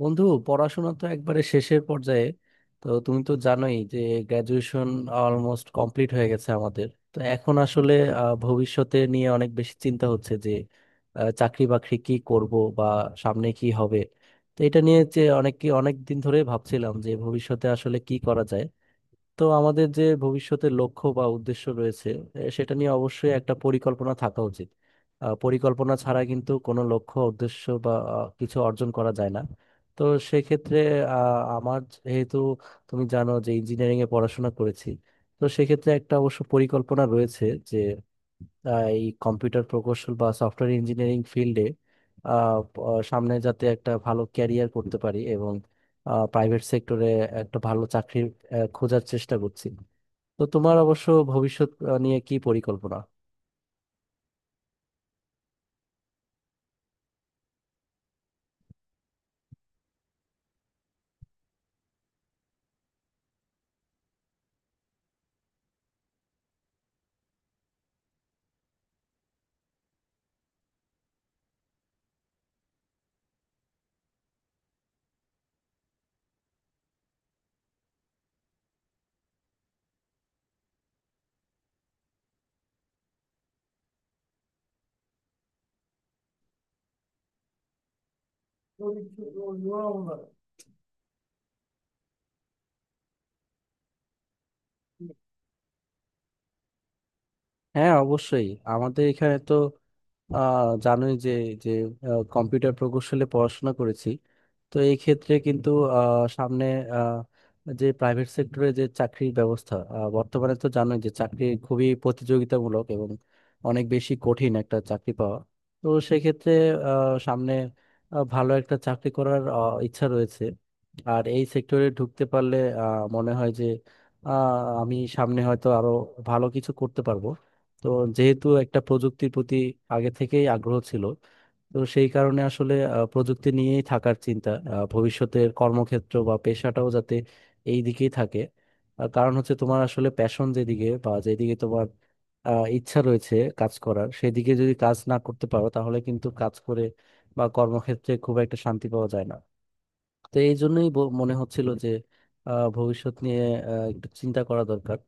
বন্ধু, পড়াশোনা তো একবারে শেষের পর্যায়ে। তো তুমি তো জানোই যে গ্র্যাজুয়েশন অলমোস্ট কমপ্লিট হয়ে গেছে আমাদের। তো এখন আসলে ভবিষ্যতে নিয়ে অনেক বেশি চিন্তা হচ্ছে যে চাকরি বাকরি কি করব বা সামনে কি হবে। তো এটা নিয়ে যে অনেক দিন ধরে ভাবছিলাম যে ভবিষ্যতে আসলে কি করা যায়। তো আমাদের যে ভবিষ্যতের লক্ষ্য বা উদ্দেশ্য রয়েছে, সেটা নিয়ে অবশ্যই একটা পরিকল্পনা থাকা উচিত। পরিকল্পনা ছাড়া কিন্তু কোনো লক্ষ্য উদ্দেশ্য বা কিছু অর্জন করা যায় না। তো সেক্ষেত্রে আমার যেহেতু তুমি জানো যে ইঞ্জিনিয়ারিং এ পড়াশোনা করেছি, তো সেক্ষেত্রে একটা অবশ্য পরিকল্পনা রয়েছে যে এই কম্পিউটার প্রকৌশল বা সফটওয়্যার ইঞ্জিনিয়ারিং ফিল্ডে সামনে যাতে একটা ভালো ক্যারিয়ার করতে পারি, এবং প্রাইভেট সেক্টরে একটা ভালো চাকরি খোঁজার চেষ্টা করছি। তো তোমার অবশ্য ভবিষ্যৎ নিয়ে কি পরিকল্পনা? হ্যাঁ, অবশ্যই। আমাদের এখানে তো জানোই যে যে কম্পিউটার প্রকৌশলে পড়াশোনা করেছি। তো এই ক্ষেত্রে কিন্তু সামনে আহ, যে প্রাইভেট সেক্টরে যে চাকরির ব্যবস্থা, বর্তমানে তো জানোই যে চাকরি খুবই প্রতিযোগিতামূলক এবং অনেক বেশি কঠিন একটা চাকরি পাওয়া। তো সেক্ষেত্রে সামনে ভালো একটা চাকরি করার ইচ্ছা রয়েছে। আর এই সেক্টরে ঢুকতে পারলে মনে হয় যে আহ, আমি সামনে হয়তো আরো ভালো কিছু করতে পারবো। তো যেহেতু একটা প্রযুক্তির প্রতি আগে থেকেই আগ্রহ ছিল, তো সেই কারণে আসলে প্রযুক্তি নিয়েই থাকার চিন্তা, ভবিষ্যতের কর্মক্ষেত্র বা পেশাটাও যাতে এই দিকেই থাকে। কারণ হচ্ছে তোমার আসলে প্যাশন যেদিকে বা যেদিকে তোমার ইচ্ছা রয়েছে কাজ করার, সেদিকে যদি কাজ না করতে পারো তাহলে কিন্তু কাজ করে বা কর্মক্ষেত্রে খুব একটা শান্তি পাওয়া যায় না। তো এই জন্যই মনে হচ্ছিল যে ভবিষ্যৎ নিয়ে একটু চিন্তা করা দরকার।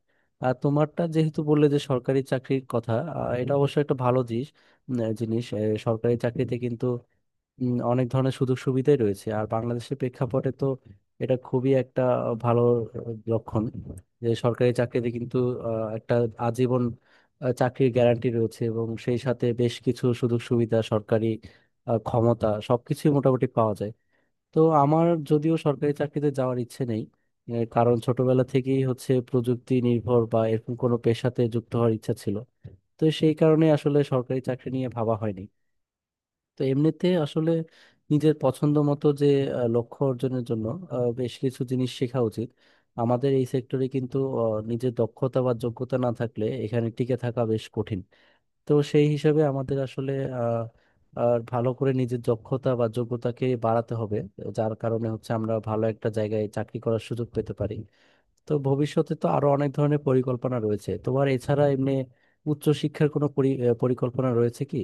আর তোমারটা যেহেতু বললে যে সরকারি চাকরির কথা, এটা অবশ্য একটা ভালো জিনিস। জিনিস। সরকারি চাকরিতে কিন্তু অনেক ধরনের সুযোগ সুবিধাই রয়েছে, আর বাংলাদেশের প্রেক্ষাপটে তো এটা খুবই একটা ভালো আহ, লক্ষণ। যে সরকারি চাকরিতে কিন্তু একটা আজীবন চাকরির গ্যারান্টি রয়েছে, এবং সেই সাথে বেশ কিছু সুযোগ সুবিধা, সরকারি ক্ষমতা সবকিছুই মোটামুটি পাওয়া যায়। তো আমার যদিও সরকারি চাকরিতে যাওয়ার ইচ্ছে নেই। এর কারণ ছোটবেলা থেকেই হচ্ছে প্রযুক্তি নির্ভর বা এরকম কোনো পেশাতে যুক্ত হওয়ার ইচ্ছা ছিল। তো সেই কারণে আসলে সরকারি চাকরি নিয়ে ভাবা হয়নি। তো এমনিতে আসলে নিজের পছন্দ মতো যে লক্ষ্য অর্জনের জন্য বেশ কিছু জিনিস শেখা উচিত। আমাদের এই সেক্টরে কিন্তু আহ, নিজের দক্ষতা বা যোগ্যতা না থাকলে এখানে টিকে থাকা বেশ কঠিন। তো সেই হিসাবে আমাদের আসলে আহ, আর ভালো করে নিজের দক্ষতা বা যোগ্যতাকে বাড়াতে হবে, যার কারণে হচ্ছে আমরা ভালো একটা জায়গায় চাকরি করার সুযোগ পেতে পারি। তো ভবিষ্যতে তো আরো অনেক ধরনের পরিকল্পনা রয়েছে তোমার, এছাড়া এমনি উচ্চশিক্ষার কোনো পরিকল্পনা রয়েছে কি?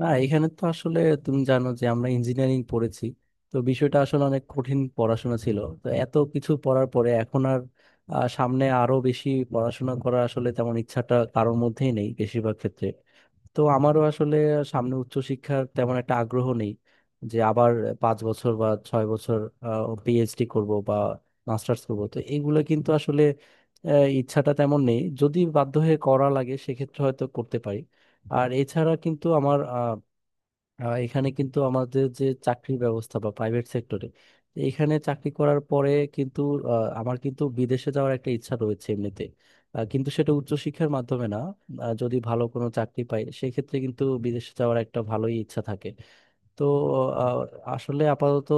না, এখানে তো আসলে তুমি জানো যে আমরা ইঞ্জিনিয়ারিং পড়েছি। তো বিষয়টা আসলে অনেক কঠিন পড়াশোনা ছিল, তো এত কিছু পড়ার পরে এখন আর সামনে আরো বেশি পড়াশোনা করার আসলে তেমন ইচ্ছাটা কারোর মধ্যেই নেই বেশিরভাগ ক্ষেত্রে। তো আমারও আসলে সামনে উচ্চশিক্ষার তেমন একটা আগ্রহ নেই, যে আবার 5 বছর বা 6 বছর পিএইচডি করব বা মাস্টার্স করব, তো এইগুলো কিন্তু আসলে ইচ্ছাটা তেমন নেই। যদি বাধ্য হয়ে করা লাগে সেক্ষেত্রে হয়তো করতে পারি। আর এছাড়া কিন্তু আমার এখানে কিন্তু আমাদের যে চাকরির ব্যবস্থা বা প্রাইভেট সেক্টরে এখানে চাকরি করার পরে কিন্তু আমার কিন্তু বিদেশে যাওয়ার একটা ইচ্ছা রয়েছে এমনিতে। কিন্তু সেটা উচ্চশিক্ষার মাধ্যমে না। যদি ভালো কোনো চাকরি পাই, সেক্ষেত্রে কিন্তু বিদেশে যাওয়ার একটা ভালোই ইচ্ছা থাকে। তো আহ, আসলে আপাতত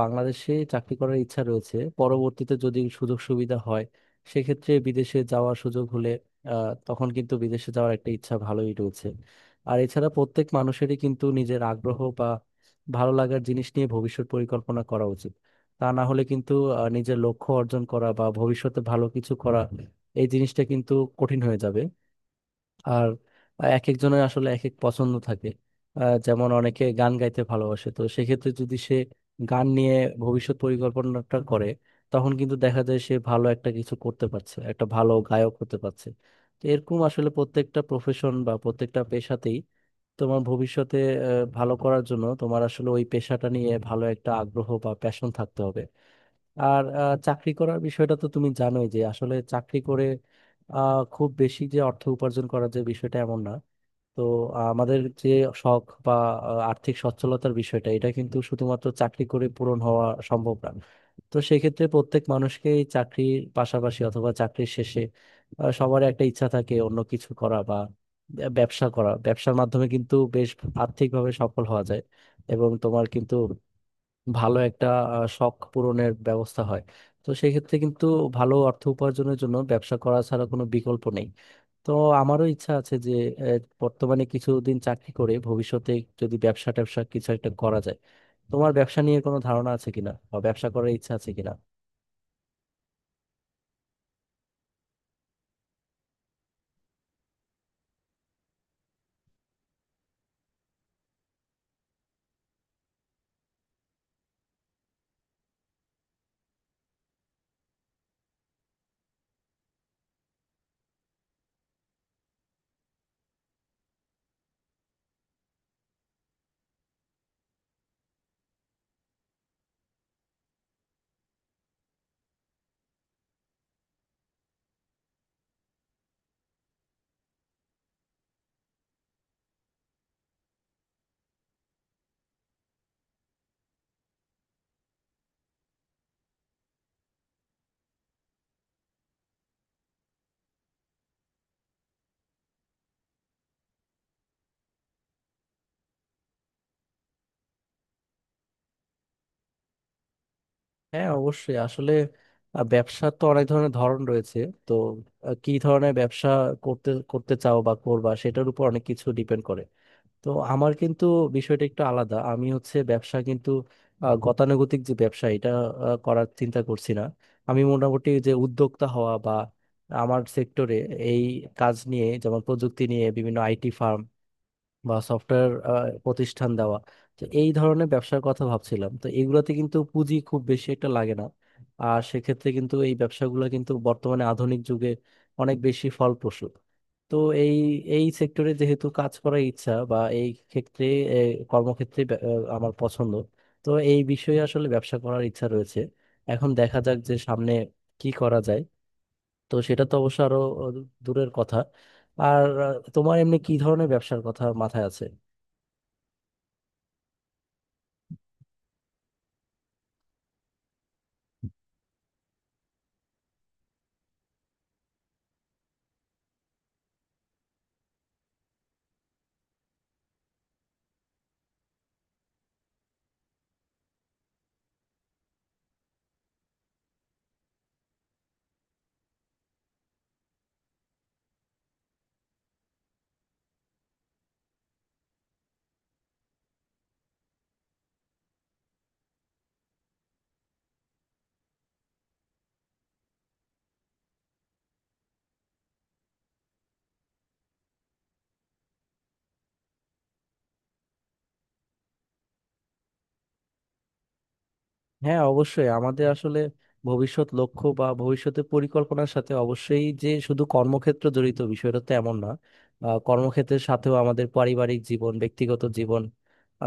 বাংলাদেশে চাকরি করার ইচ্ছা রয়েছে। পরবর্তীতে যদি সুযোগ সুবিধা হয়, সেক্ষেত্রে বিদেশে যাওয়ার সুযোগ হলে তখন কিন্তু বিদেশে যাওয়ার একটা ইচ্ছা ভালোই রয়েছে। আর এছাড়া প্রত্যেক মানুষেরই কিন্তু নিজের আগ্রহ বা ভালো লাগার জিনিস নিয়ে ভবিষ্যৎ পরিকল্পনা করা উচিত। তা না হলে কিন্তু নিজের লক্ষ্য অর্জন করা বা ভবিষ্যতে ভালো কিছু করা, এই জিনিসটা কিন্তু কঠিন হয়ে যাবে। আর এক একজনের আসলে এক এক পছন্দ থাকে। যেমন অনেকে গান গাইতে ভালোবাসে, তো সেক্ষেত্রে যদি সে গান নিয়ে ভবিষ্যৎ পরিকল্পনাটা করে, তখন কিন্তু দেখা যায় সে ভালো একটা কিছু করতে পারছে, একটা ভালো গায়ক হতে পারছে। তো এরকম আসলে প্রত্যেকটা প্রফেশন বা প্রত্যেকটা পেশাতেই তোমার ভবিষ্যতে ভালো করার জন্য তোমার আসলে ওই পেশাটা নিয়ে ভালো একটা আগ্রহ বা প্যাশন থাকতে হবে। আর চাকরি করার বিষয়টা তো তুমি জানোই যে আসলে চাকরি করে খুব বেশি যে অর্থ উপার্জন করার যে বিষয়টা এমন না। তো আমাদের যে শখ বা আর্থিক সচ্ছলতার বিষয়টা এটা কিন্তু শুধুমাত্র চাকরি করে পূরণ হওয়া সম্ভব না। তো সেক্ষেত্রে প্রত্যেক মানুষকেই চাকরির পাশাপাশি অথবা চাকরির শেষে সবার একটা ইচ্ছা থাকে অন্য কিছু করা বা ব্যবসা করা। ব্যবসার মাধ্যমে কিন্তু বেশ আর্থিকভাবে সফল হওয়া যায়, এবং তোমার কিন্তু ভালো একটা শখ পূরণের ব্যবস্থা হয়। তো সেক্ষেত্রে কিন্তু ভালো অর্থ উপার্জনের জন্য ব্যবসা করা ছাড়া কোনো বিকল্প নেই। তো আমারও ইচ্ছা আছে যে আহ, বর্তমানে কিছুদিন চাকরি করে ভবিষ্যতে যদি ব্যবসা ট্যাবসা কিছু একটা করা যায়। তোমার ব্যবসা নিয়ে কোনো ধারণা আছে কিনা, বা ব্যবসা করার ইচ্ছা আছে কিনা? হ্যাঁ, অবশ্যই। আসলে ব্যবসার তো অনেক ধরনের ধরন রয়েছে। তো কি ধরনের ব্যবসা করতে করতে চাও বা করবা, সেটার উপর অনেক কিছু ডিপেন্ড করে। তো আমার কিন্তু বিষয়টা একটু আলাদা। আমি হচ্ছে ব্যবসা কিন্তু গতানুগতিক যে ব্যবসা, এটা করার চিন্তা করছি না। আমি মোটামুটি যে উদ্যোক্তা হওয়া বা আমার সেক্টরে এই কাজ নিয়ে, যেমন প্রযুক্তি নিয়ে বিভিন্ন আইটি ফার্ম বা সফটওয়্যার প্রতিষ্ঠান দেওয়া, তো এই ধরনের ব্যবসার কথা ভাবছিলাম। তো এগুলোতে কিন্তু পুঁজি খুব বেশি একটা লাগে না। আর সেক্ষেত্রে কিন্তু এই ব্যবসাগুলো কিন্তু বর্তমানে আধুনিক যুগে অনেক বেশি ফলপ্রসূ। তো এই এই সেক্টরে যেহেতু কাজ করার ইচ্ছা বা এই ক্ষেত্রে এ, কর্মক্ষেত্রে আমার পছন্দ। তো এই বিষয়ে আসলে ব্যবসা করার ইচ্ছা রয়েছে। এখন দেখা যাক যে সামনে কি করা যায়। তো সেটা তো অবশ্য আরো আ, দূরের কথা। আর তোমার এমনি কি ধরনের ব্যবসার কথা মাথায় আছে? হ্যাঁ, অবশ্যই। আমাদের আসলে ভবিষ্যৎ লক্ষ্য বা ভবিষ্যতের পরিকল্পনার সাথে অবশ্যই যে শুধু কর্মক্ষেত্র জড়িত, বিষয়টা তো এমন না। কর্মক্ষেত্রের সাথেও আমাদের পারিবারিক জীবন, ব্যক্তিগত জীবন,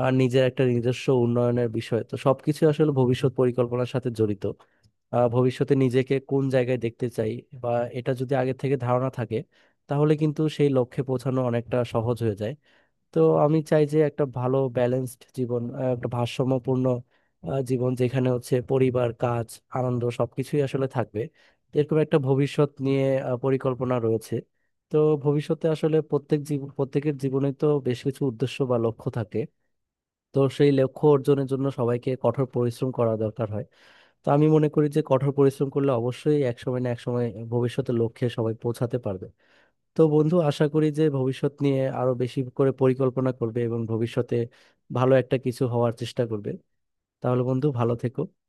আর নিজের একটা নিজস্ব উন্নয়নের বিষয়, তো সবকিছু আসলে ভবিষ্যৎ পরিকল্পনার সাথে জড়িত। ভবিষ্যতে নিজেকে কোন জায়গায় দেখতে চাই, বা এটা যদি আগে থেকে ধারণা থাকে, তাহলে কিন্তু সেই লক্ষ্যে পৌঁছানো অনেকটা সহজ হয়ে যায়। তো আমি চাই যে একটা ভালো ব্যালেন্সড জীবন, একটা ভারসাম্যপূর্ণ জীবন, যেখানে হচ্ছে পরিবার, কাজ, আনন্দ সবকিছুই আসলে থাকবে। তো এরকম একটা ভবিষ্যৎ নিয়ে পরিকল্পনা রয়েছে। তো ভবিষ্যতে আসলে প্রত্যেকের জীবনে তো বেশ কিছু উদ্দেশ্য বা লক্ষ্য থাকে। তো সেই লক্ষ্য অর্জনের জন্য সবাইকে কঠোর পরিশ্রম করা দরকার হয়। তো আমি মনে করি যে কঠোর পরিশ্রম করলে অবশ্যই এক সময় না এক সময় ভবিষ্যতে লক্ষ্যে সবাই পৌঁছাতে পারবে। তো বন্ধু, আশা করি যে ভবিষ্যৎ নিয়ে আরো বেশি করে পরিকল্পনা করবে এবং ভবিষ্যতে ভালো একটা কিছু হওয়ার চেষ্টা করবে। তাহলে বন্ধু, ভালো থেকো।